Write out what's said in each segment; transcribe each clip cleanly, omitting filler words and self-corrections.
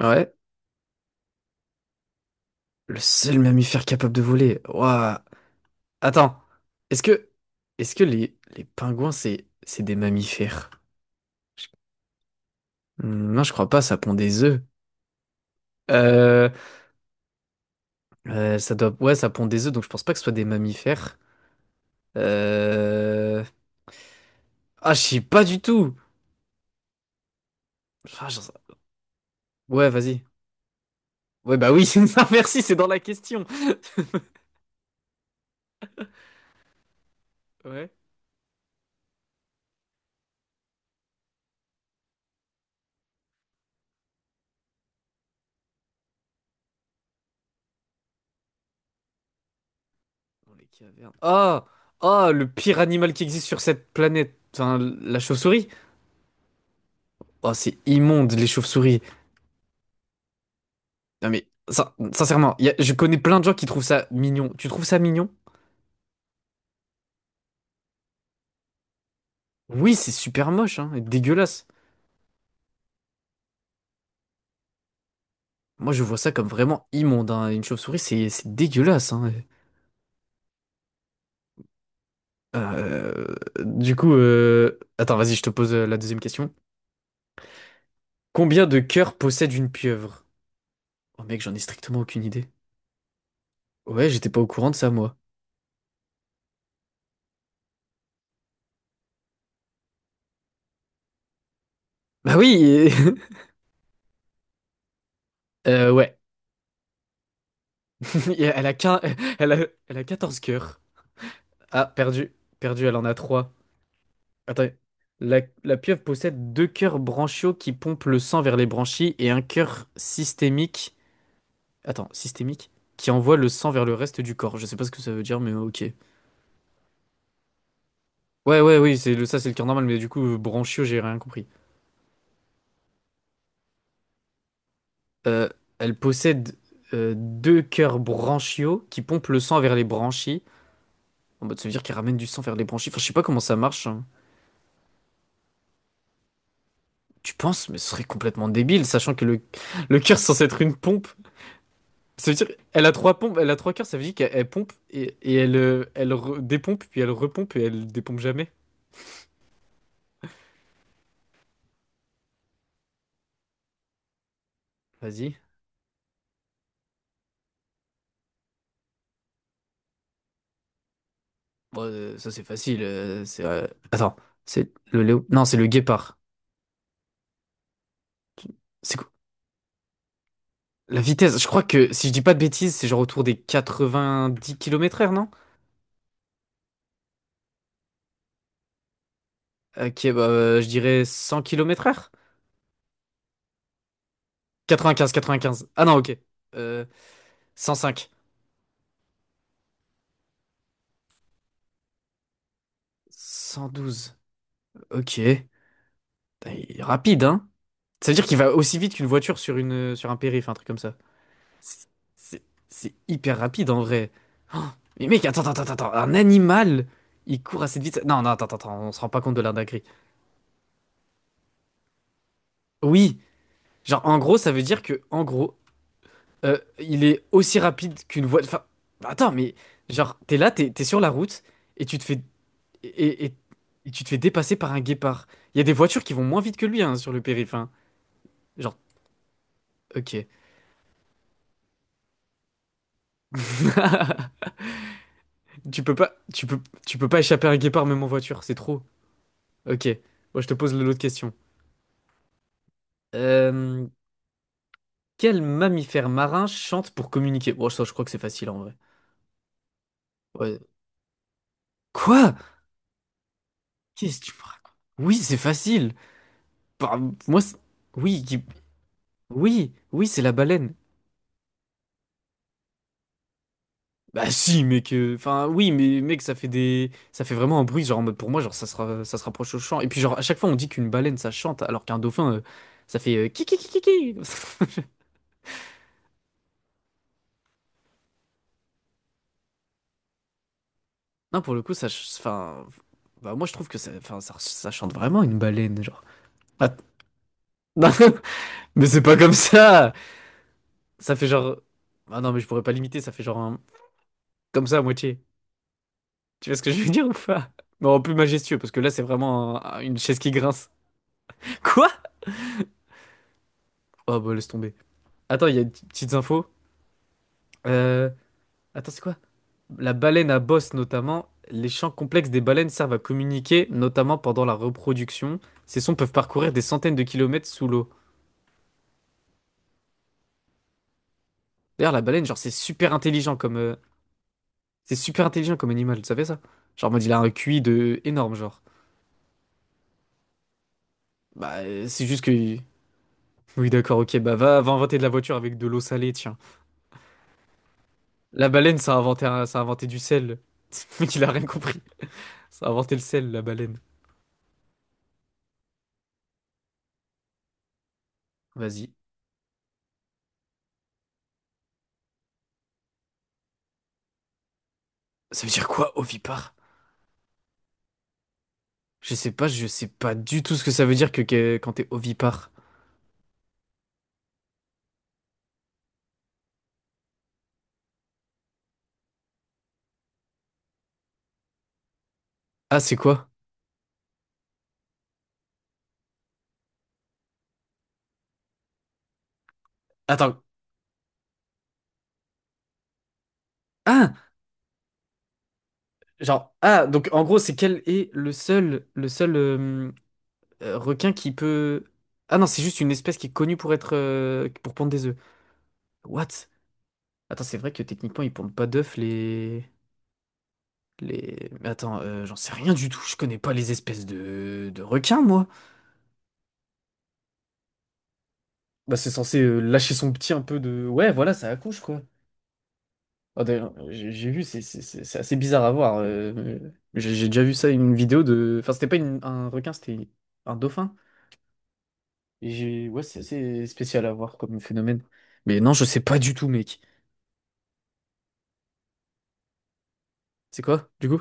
Ouais, le seul mammifère capable de voler. Ouah. Attends, est-ce que est-ce que les pingouins c'est des mammifères? Hmm, non, je crois pas, ça pond des œufs. Euh, ça doit ouais, ça pond des œufs donc je pense pas que ce soit des mammifères. Euh... Ah, je sais pas du tout. Ah, j'en sais- Ouais, vas-y. Ouais, bah oui, non, merci, c'est dans la question. Ouais. Dans les cavernes. Ah, ah, le pire animal qui existe sur cette planète. Enfin, la chauve-souris. Oh, c'est immonde, les chauves-souris. Non mais, sincèrement, je connais plein de gens qui trouvent ça mignon. Tu trouves ça mignon? Oui, c'est super moche, hein, et dégueulasse. Moi, je vois ça comme vraiment immonde, hein. Une chauve-souris, c'est dégueulasse, hein. Euh, du coup, attends, vas-y, je te pose la deuxième question. Combien de cœurs possède une pieuvre? Oh mec, j'en ai strictement aucune idée. Ouais, j'étais pas au courant de ça, moi. Bah oui! Ouais. Elle a quin, elle a, elle a 14 cœurs. Ah, perdu. Perdu, elle en a 3. Attends. La pieuvre possède deux cœurs branchiaux qui pompent le sang vers les branchies et un cœur systémique. Attends, systémique? Qui envoie le sang vers le reste du corps. Je sais pas ce que ça veut dire, mais ok. Ouais, ouais, oui, ça c'est le cœur normal, mais du coup, branchiaux, j'ai rien compris. Euh, elle possède deux cœurs branchiaux qui pompent le sang vers les branchies. En mode, ça veut dire qu'elle ramène du sang vers les branchies. Enfin, je sais pas comment ça marche, hein. Tu penses, mais ce serait complètement débile, sachant que le cœur est censé être une pompe. Ça veut dire elle a trois pompes, elle a trois cœurs, ça veut dire qu'elle pompe et elle dépompe, puis elle repompe et elle dépompe jamais. Vas-y. Bon, ça c'est facile. C'est Attends, c'est le léo. Non, c'est le guépard. C'est quoi? La vitesse, je crois que si je dis pas de bêtises, c'est genre autour des 90 km/h, non? Bah, je dirais 100 km/h. 95, 95. Ah non, ok. Euh, 105. 112. Ok. Putain, il est rapide, hein? Ça veut dire qu'il va aussi vite qu'une voiture sur un périph', un truc comme ça. C'est c'est- c'est hyper rapide en vrai. Oh, mais mec, attends, attends, attends, attends. Un animal, il court à cette vitesse. Non, non, attends, attends, attends, on se rend pas compte de l'indagrie. Oui, genre en gros, ça veut dire que, en gros, il est aussi rapide qu'une voie. Enfin, attends, mais genre, t'es là, t'es sur la route et tu te fais. Et, et- et tu te fais dépasser par un guépard. Il y a des voitures qui vont moins vite que lui, hein, sur le périph', hein. Genre, ok. Tu peux pas, tu peux, tu peux pas échapper à un guépard même en voiture, c'est trop. Ok, moi je te pose l'autre question. Euh, quel mammifère marin chante pour communiquer? Bon, ça, je crois que c'est facile en vrai. Ouais. Quoi? Qu'est-ce que tu me racontes? Oui, c'est facile. Bah, moi, oui, oui, oui, c'est la baleine. Bah si, mec. Enfin, oui, mais mec, ça fait vraiment un bruit. Genre, en mode, pour moi, genre, ça se rapproche au chant. Et puis, genre, à chaque fois, on dit qu'une baleine, ça chante, alors qu'un dauphin, ça fait kiki kiki kiki. Non, pour le coup, enfin, bah moi, je trouve que ça, enfin, ça chante vraiment une baleine, genre. Ah, non. Mais c'est pas comme ça! Ça fait genre. Ah non, mais je pourrais pas limiter, ça fait genre comme ça à moitié. Tu vois ce que je veux dire ou pas? Mais en plus majestueux, parce que là, c'est vraiment une chaise qui grince. Quoi? Oh bah laisse tomber. Attends, il y a une petites infos. Euh... Attends, c'est quoi? La baleine à bosse, notamment. Les champs complexes des baleines servent à communiquer, notamment pendant la reproduction. Ces sons peuvent parcourir des centaines de kilomètres sous l'eau. D'ailleurs, la baleine, genre, c'est super intelligent comme. C'est super intelligent comme animal, tu savais ça? Genre, en mode, il a un QI de énorme, genre. Bah, c'est juste que... Oui, d'accord, ok, bah va, va inventer de la voiture avec de l'eau salée, tiens. La baleine, ça a inventé du sel. Mais il a rien compris. Ça a inventé le sel, la baleine. Vas-y. Ça veut dire quoi, ovipare? Je sais pas du tout ce que ça veut dire que, quand t'es ovipare. Ah, c'est quoi? Attends. Ah! Genre, ah, donc en gros, c'est quel est le seul requin qui peut... Ah non, c'est juste une espèce qui est connue pour être... pour pondre des œufs. What? Attends, c'est vrai que techniquement, ils pondent pas d'œufs, les... Les... Mais attends, j'en sais rien du tout, je connais pas les espèces de requins, moi. Bah, c'est censé lâcher son petit un peu de... Ouais, voilà, ça accouche, quoi. Ah, d'ailleurs, j'ai vu, c'est assez bizarre à voir. J'ai déjà vu ça, une vidéo de... Enfin, c'était pas un requin, c'était un dauphin. Et j'ai... Ouais, c'est assez spécial à voir comme phénomène. Mais non, je sais pas du tout, mec. C'est quoi, du coup?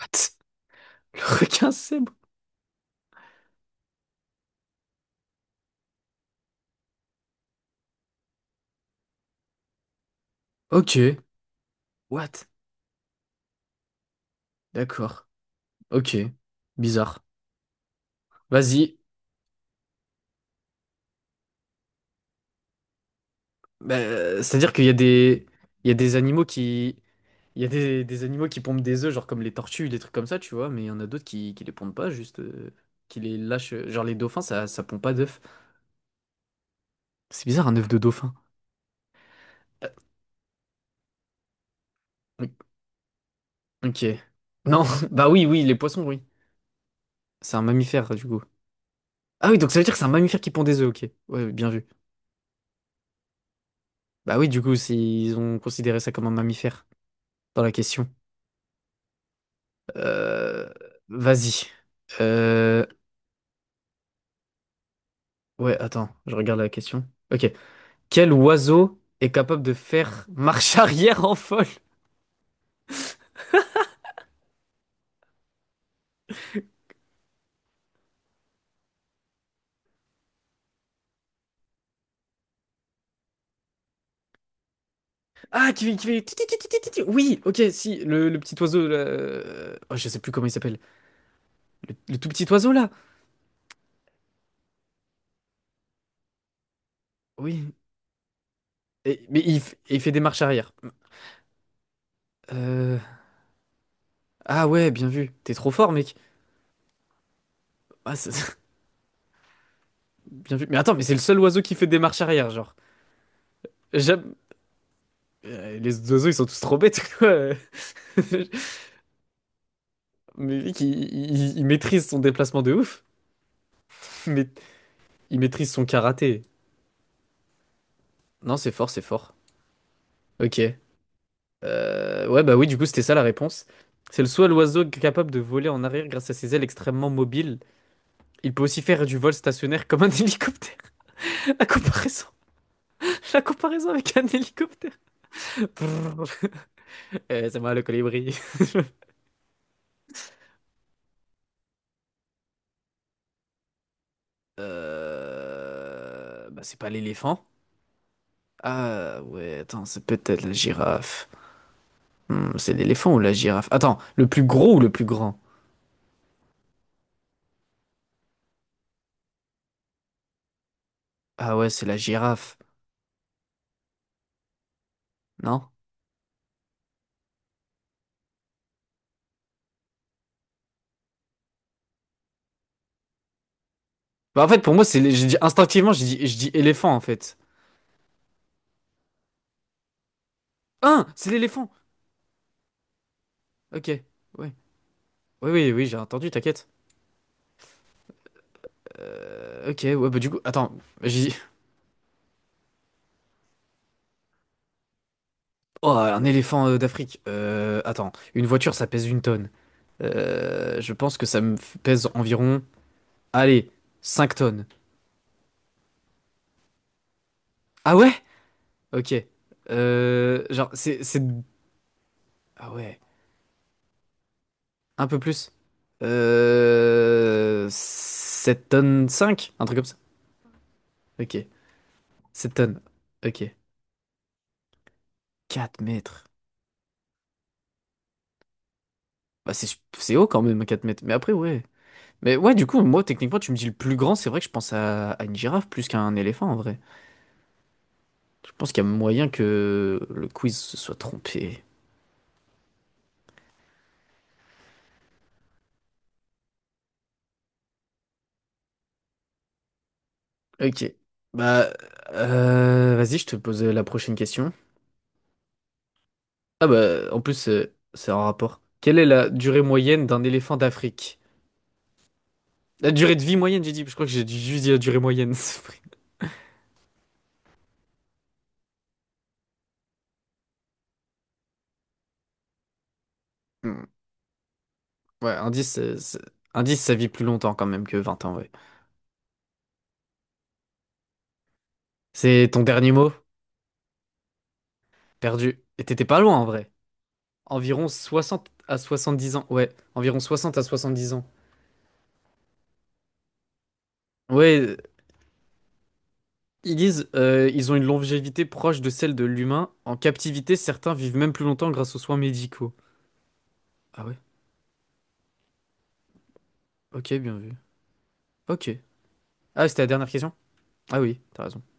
What? Le requin sèbre? Ok. What? D'accord. Ok. Bizarre. Vas-y. Bah, c'est-à-dire qu'il y a des animaux qui, il y a des animaux qui pondent des œufs, genre comme les tortues, des trucs comme ça, tu vois, mais il y en a d'autres qui les pondent pas, juste, qui les lâchent. Genre les dauphins, ça pond pas d'œufs. C'est bizarre un œuf de dauphin. Euh, ok. Non, bah oui, oui, les poissons, oui. C'est un mammifère, du coup. Ah oui, donc ça veut dire que c'est un mammifère qui pond des œufs, ok. Ouais, oui, bien vu. Bah oui, du coup, ils ont considéré ça comme un mammifère dans la question. Euh, vas-y. Euh, ouais, attends, je regarde la question. Ok. Quel oiseau est capable de faire marche arrière en folle? Ah, qui fait... ti, ti, ti, ti, ti, ti, Oui, ok, si, le petit oiseau, là... oh, je sais plus comment il s'appelle. Le tout petit oiseau, là. Oui. Mais il fait des marches arrière. Euh, Ah ouais, bien vu. T'es trop fort, mec. Ah, bien vu. Mais attends, mais c'est le seul oiseau qui fait des marches arrière, genre. J'aime... les oiseaux, ils sont tous trop bêtes, quoi. Mais mec, il maîtrise son déplacement de ouf. Mais il maîtrise son karaté. Non, c'est fort, c'est fort. Ok. Ouais, bah oui, du coup, c'était ça la réponse. C'est le soit l'oiseau capable de voler en arrière grâce à ses ailes extrêmement mobiles. Il peut aussi faire du vol stationnaire comme un hélicoptère. La comparaison, la comparaison avec un hélicoptère. Brrr. Eh, c'est moi le colibri. Bah, c'est pas l'éléphant. Ah ouais, attends, c'est peut-être la girafe. C'est l'éléphant ou la girafe? Attends, le plus gros ou le plus grand? Ah ouais, c'est la girafe. Non? Bah en fait, pour moi, c'est les- j'ai dit- instinctivement, j'ai dit, je dis éléphant en fait. Hein, c'est l'éléphant. Ok. Ouais. Oui, oui, oui, j'ai entendu, t'inquiète. Ok, ouais, bah du coup, attends, j'ai... Oh, un éléphant d'Afrique. Attends, une voiture, ça pèse 1 tonne. Je pense que ça pèse environ, allez, 5 tonnes. Ah ouais? Ok. Genre, c'est... Ah ouais, un peu plus. 7 tonnes 5 un truc comme ça. Ok, 7 tonnes. Ok, 4 mètres. Bah c'est haut quand même, 4 mètres. Mais après, ouais. Mais ouais, du coup, moi, techniquement, tu me dis le plus grand, c'est vrai que je pense à une girafe plus qu'à un éléphant en vrai. Je pense qu'il y a moyen que le quiz se soit trompé. Ok. Bah, vas-y, je te pose la prochaine question. Ah bah, en plus, c'est en rapport. Quelle est la durée moyenne d'un éléphant d'Afrique? La durée de vie moyenne, j'ai dit, je crois que j'ai dû juste dit la durée moyenne. C'est vrai. Hmm. Ouais, indice, indice, ça vit plus longtemps quand même que 20 ans, ouais. C'est ton dernier mot? Perdu. Et t'étais pas loin en vrai. Environ 60 à 70 ans. Ouais, environ 60 à 70 ans. Ouais, ils ont une longévité proche de celle de l'humain. En captivité, certains vivent même plus longtemps grâce aux soins médicaux. Ah ouais, ok, bien vu. Ok. Ah, c'était la dernière question? Ah oui, t'as raison.